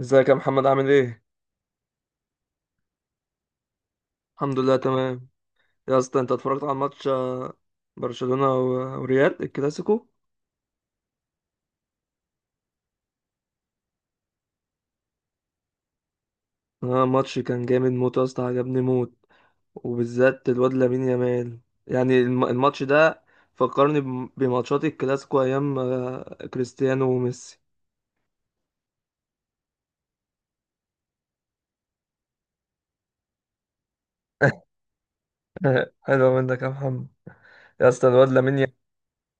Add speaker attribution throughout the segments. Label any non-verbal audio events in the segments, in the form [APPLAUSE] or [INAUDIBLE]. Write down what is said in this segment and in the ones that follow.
Speaker 1: ازيك يا محمد؟ عامل ايه؟ الحمد لله، تمام. يا اسطى، انت اتفرجت على ماتش برشلونة و- وريال، الكلاسيكو؟ اه، ماتش كان جامد موت يا اسطى، عجبني موت، وبالذات الواد لامين يامال. يعني الماتش ده فكرني بماتشات الكلاسيكو ايام كريستيانو وميسي. [LAUGHS] حلو منك يا محمد. يا اسطى الواد لامين يامال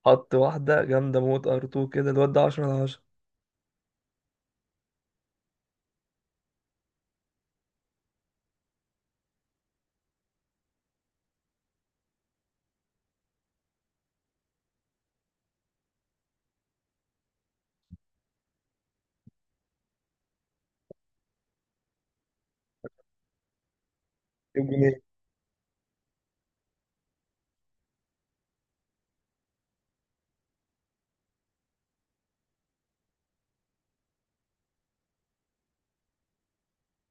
Speaker 1: حط واحدة جامدة موت، ار 2 كده. الواد ده 10 على 10، الجنيه.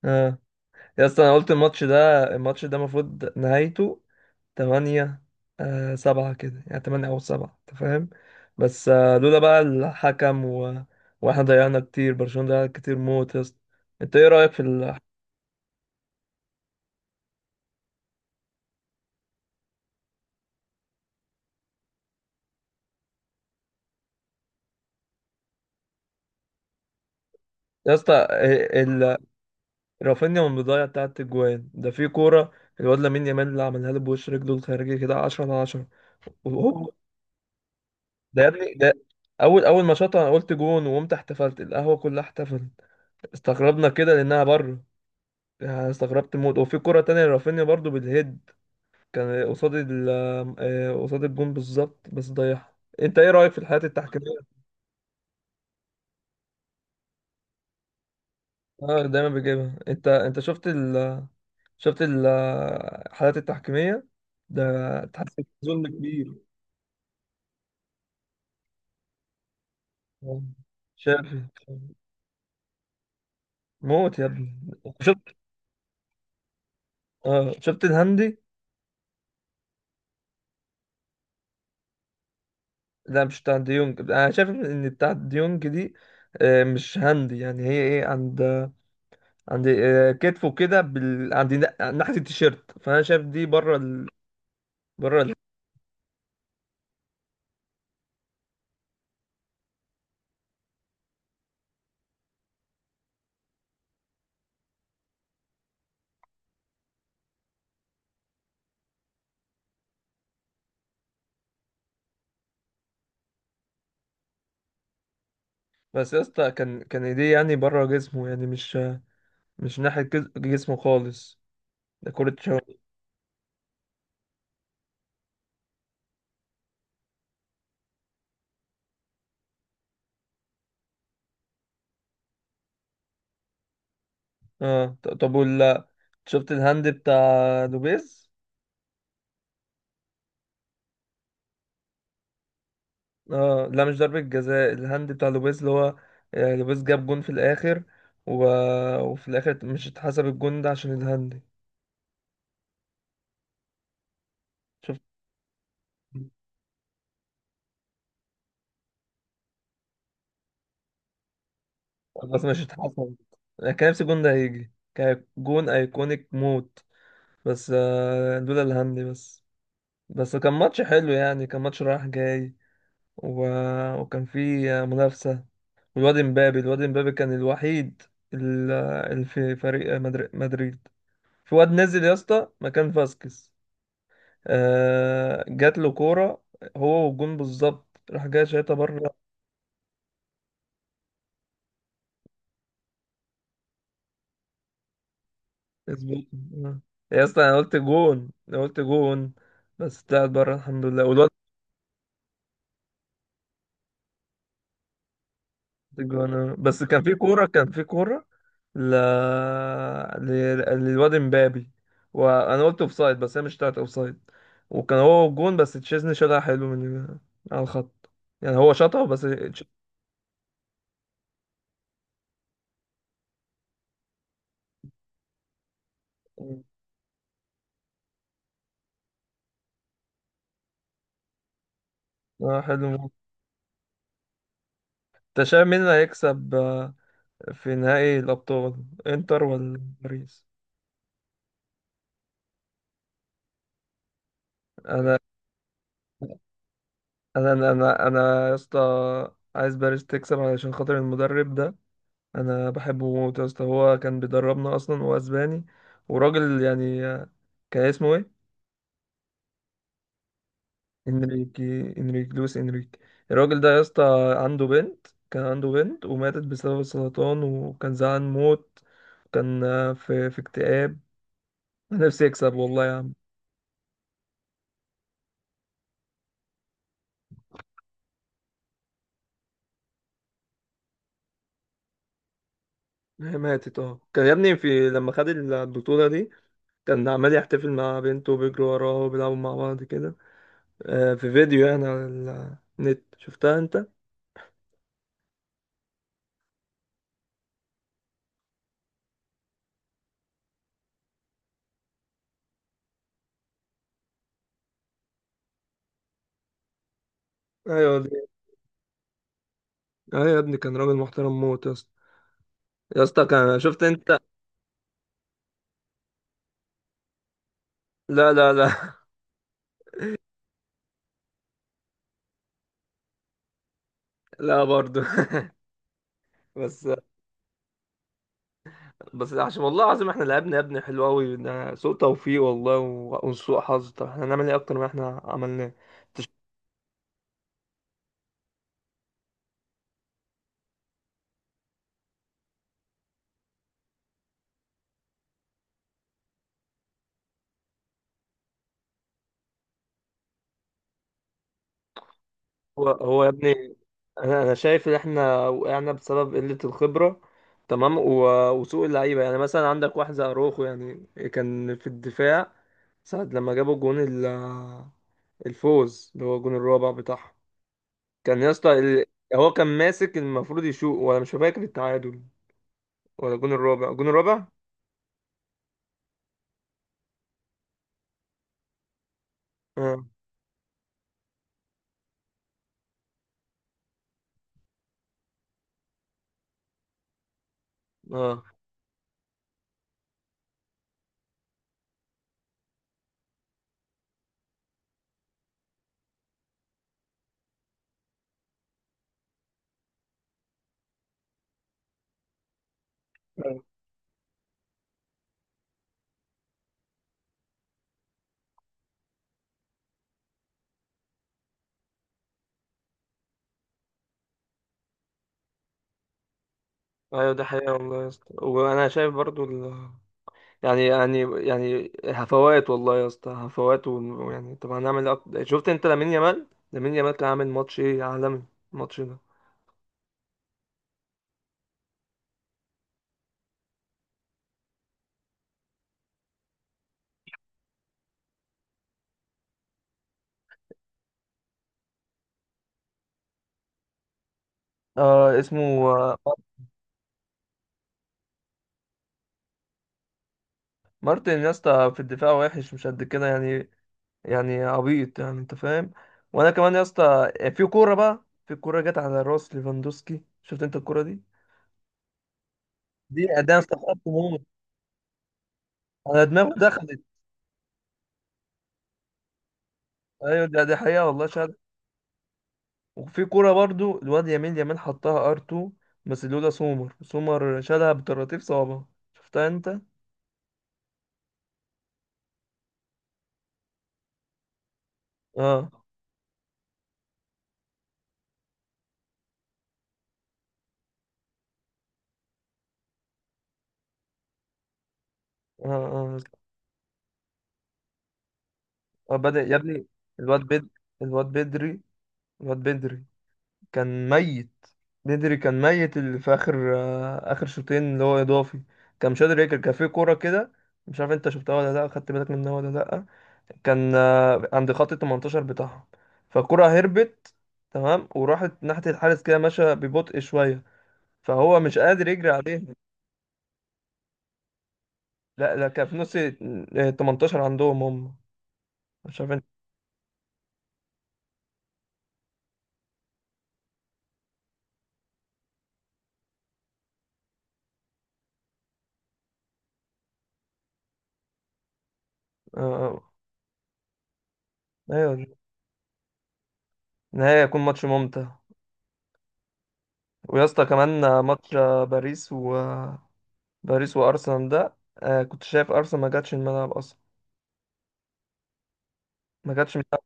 Speaker 1: اه، يا اسطى، انا قلت الماتش ده، المفروض نهايته تمانية. سبعة كده، يعني تمانية أو سبعة، أنت فاهم؟ بس لولا بقى الحكم وإحنا ضيعنا كتير، برشلونة ضيع كتير موت يا اسطى. أنت إيه رأيك في يا اسطى رافينيا من البداية، بتاعت الجوان ده، في كورة الواد لامين يامال اللي عملها له، بوش رجله الخارجي كده، 10 على 10. وهو، ده يا ابني، ده أول ما شاطها أنا قلت جون، وقمت احتفلت، القهوة كلها احتفلت. استغربنا كده لأنها بره، يعني استغربت موت. وفي كرة تانية لرافينيا برضو بالهيد، كان قصاد قصاد الجون بالظبط، بس ضيعها. انت ايه رأيك في الحالات التحكيمية؟ اه دايما بيجيبها. انت شفت شفت ال- الحالات التحكيمية ده تحسن ظلم كبير. آه. شافي موت يا ابني. شفت؟ اه شفت الهندي. لا مش بتاع ديونج، انا شايف ان بتاع ديونج دي مش هندي. يعني هي ايه؟ عند عند كتفه كده، عند ناحية التيشيرت، فانا شايف دي بره بره. بس يا اسطى، كان ايديه يعني بره جسمه، يعني مش ناحية جسمه خالص، ده كرة شوط. اه طب، ولا شفت الهاند بتاع لوبيز؟ اه لا، مش ضربة جزاء، الهاند بتاع لوبيز اللي هو لوبيز جاب جون في الآخر، و... وفي الآخر مش اتحسب الجون ده عشان الهاند. شفت؟ بس مش اتحسب. انا كان نفسي الجون ده هيجي، كان جون ايكونيك موت، بس لولا الهاند بس. بس كان ماتش حلو، يعني كان ماتش رايح جاي، و... وكان في منافسة. والواد مبابي، الواد مبابي كان الوحيد ال- اللي في فريق مدريد. في واد نزل يا اسطى مكان فاسكيز، جات له كورة، هو والجون بالظبط، راح جاي شايطها بره. اسبوع. يا اسطى انا قلت جون، انا قلت جون، بس طلعت بره، الحمد لله. والواد جوانا، بس كان في كورة، ل... ل... للواد امبابي، وانا قلت اوفسايد، بس هي مش بتاعت اوفسايد، وكان هو جون، بس تشيزني شالها حلو من على الخط، يعني هو شاطها بس اه حلو موت. انت شايف مين اللي هيكسب في نهائي الابطال، انتر ولا باريس؟ انا انا انا انا أنا يا اسطى عايز باريس تكسب، علشان خاطر المدرب ده. انا بحبه موت يا اسطى، هو كان بيدربنا اصلا، هو اسباني وراجل يعني. كان اسمه ايه؟ انريكي. انريك لويس انريك. الراجل ده يا اسطى عنده بنت كان عنده بنت وماتت بسبب السرطان، وكان زعلان موت، كان في اكتئاب نفسي. يكسب والله يا عم. هي ماتت، اه كان يا ابني، في لما خد البطولة دي، كان عمال يحتفل مع بنته، وبيجروا وراه، وبيلعبوا مع بعض كده. في فيديو يعني على النت، شفتها انت؟ ايوه. اه يا ابني كان راجل محترم موت يا اسطى. يا اسطى، كان شفت انت؟ لا لا لا. [LAUGHS] لا برضه. [LAUGHS] بس. بس عشان والله العظيم احنا لعبنا يا ابني حلو قوي، ده سوء توفيق والله و- وسوء حظ، طب احنا هنعمل ايه اكتر ما احنا عملناه؟ انت شايف- هو يا ابني، انا شايف ان احنا وقعنا بسبب قلة الخبرة، تمام، و- وسوء اللعيبة. يعني مثلا عندك واحد زي اروخو، يعني كان في الدفاع ساعة لما جابوا جون الفوز، اللي هو الجون الرابع بتاعهم. كان يا اسطى هو كان ماسك، المفروض يشوط، ولا مش فاكر التعادل ولا الجون الرابع؟ الجون الرابع. اه. اه. ايوه ده حقيقة والله يا اسطى، وانا شايف برضو يعني يعني هفوات والله يا اسطى، هفوات يعني، طب هنعمل إيه شفت انت لامين يامال؟ لامين يامال كان عامل ماتش ايه عالمي الماتش ده. اسمه آه، مارتن يا اسطى، في الدفاع وحش، مش قد كده، يعني يعني عبيط، يعني انت فاهم. وانا كمان يا اسطى، يعني في كوره بقى، في كوره جت على راس ليفاندوسكي، شفت انت الكوره دي؟ دي، انا استغربت موت، انا دماغي دخلت. ايوه ده، دي حقيقه والله شهادة. وفي كوره برضو، الواد يمين حطها ار 2، بس لولا سومر، شالها بطراطيف صوابعه، شفتها انت؟ اه. اه. اه. آه بدأ يا ابني الواد بد الواد بدري، الواد بدري كان ميت، بدري كان ميت، اللي في اخر، اخر شوطين اللي هو اضافي، كان مش قادر ياكل. كان في كوره كده، مش عارف انت شفتها ولا لا، خدت بالك منها ولا لا؟ كان عند خط ال 18 بتاعهم، فالكرة هربت، تمام، وراحت ناحية الحارس كده ماشية ببطء شوية، فهو مش قادر يجري عليه. لا لا، كان في نص ال 18 عندهم هم، مش عارف انت. آه، آه. ايوه. نهاية يكون ماتش ممتع. ويا اسطى كمان ماتش باريس و، باريس وارسنال ده، كنت شايف ارسنال ما جاتش الملعب اصلا، ما جاتش الملعب.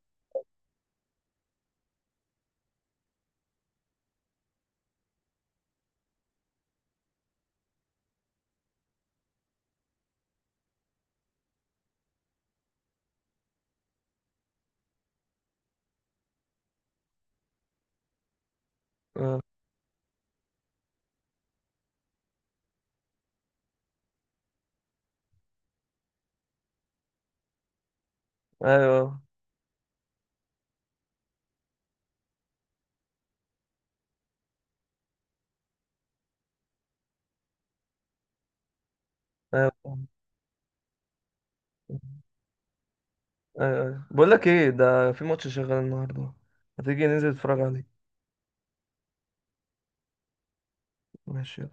Speaker 1: آه. ايوه ايوه ايوه. أيوه. بقول لك ايه، ده في ماتش شغال النهارده، هتيجي ننزل نتفرج عليه؟ ماشي.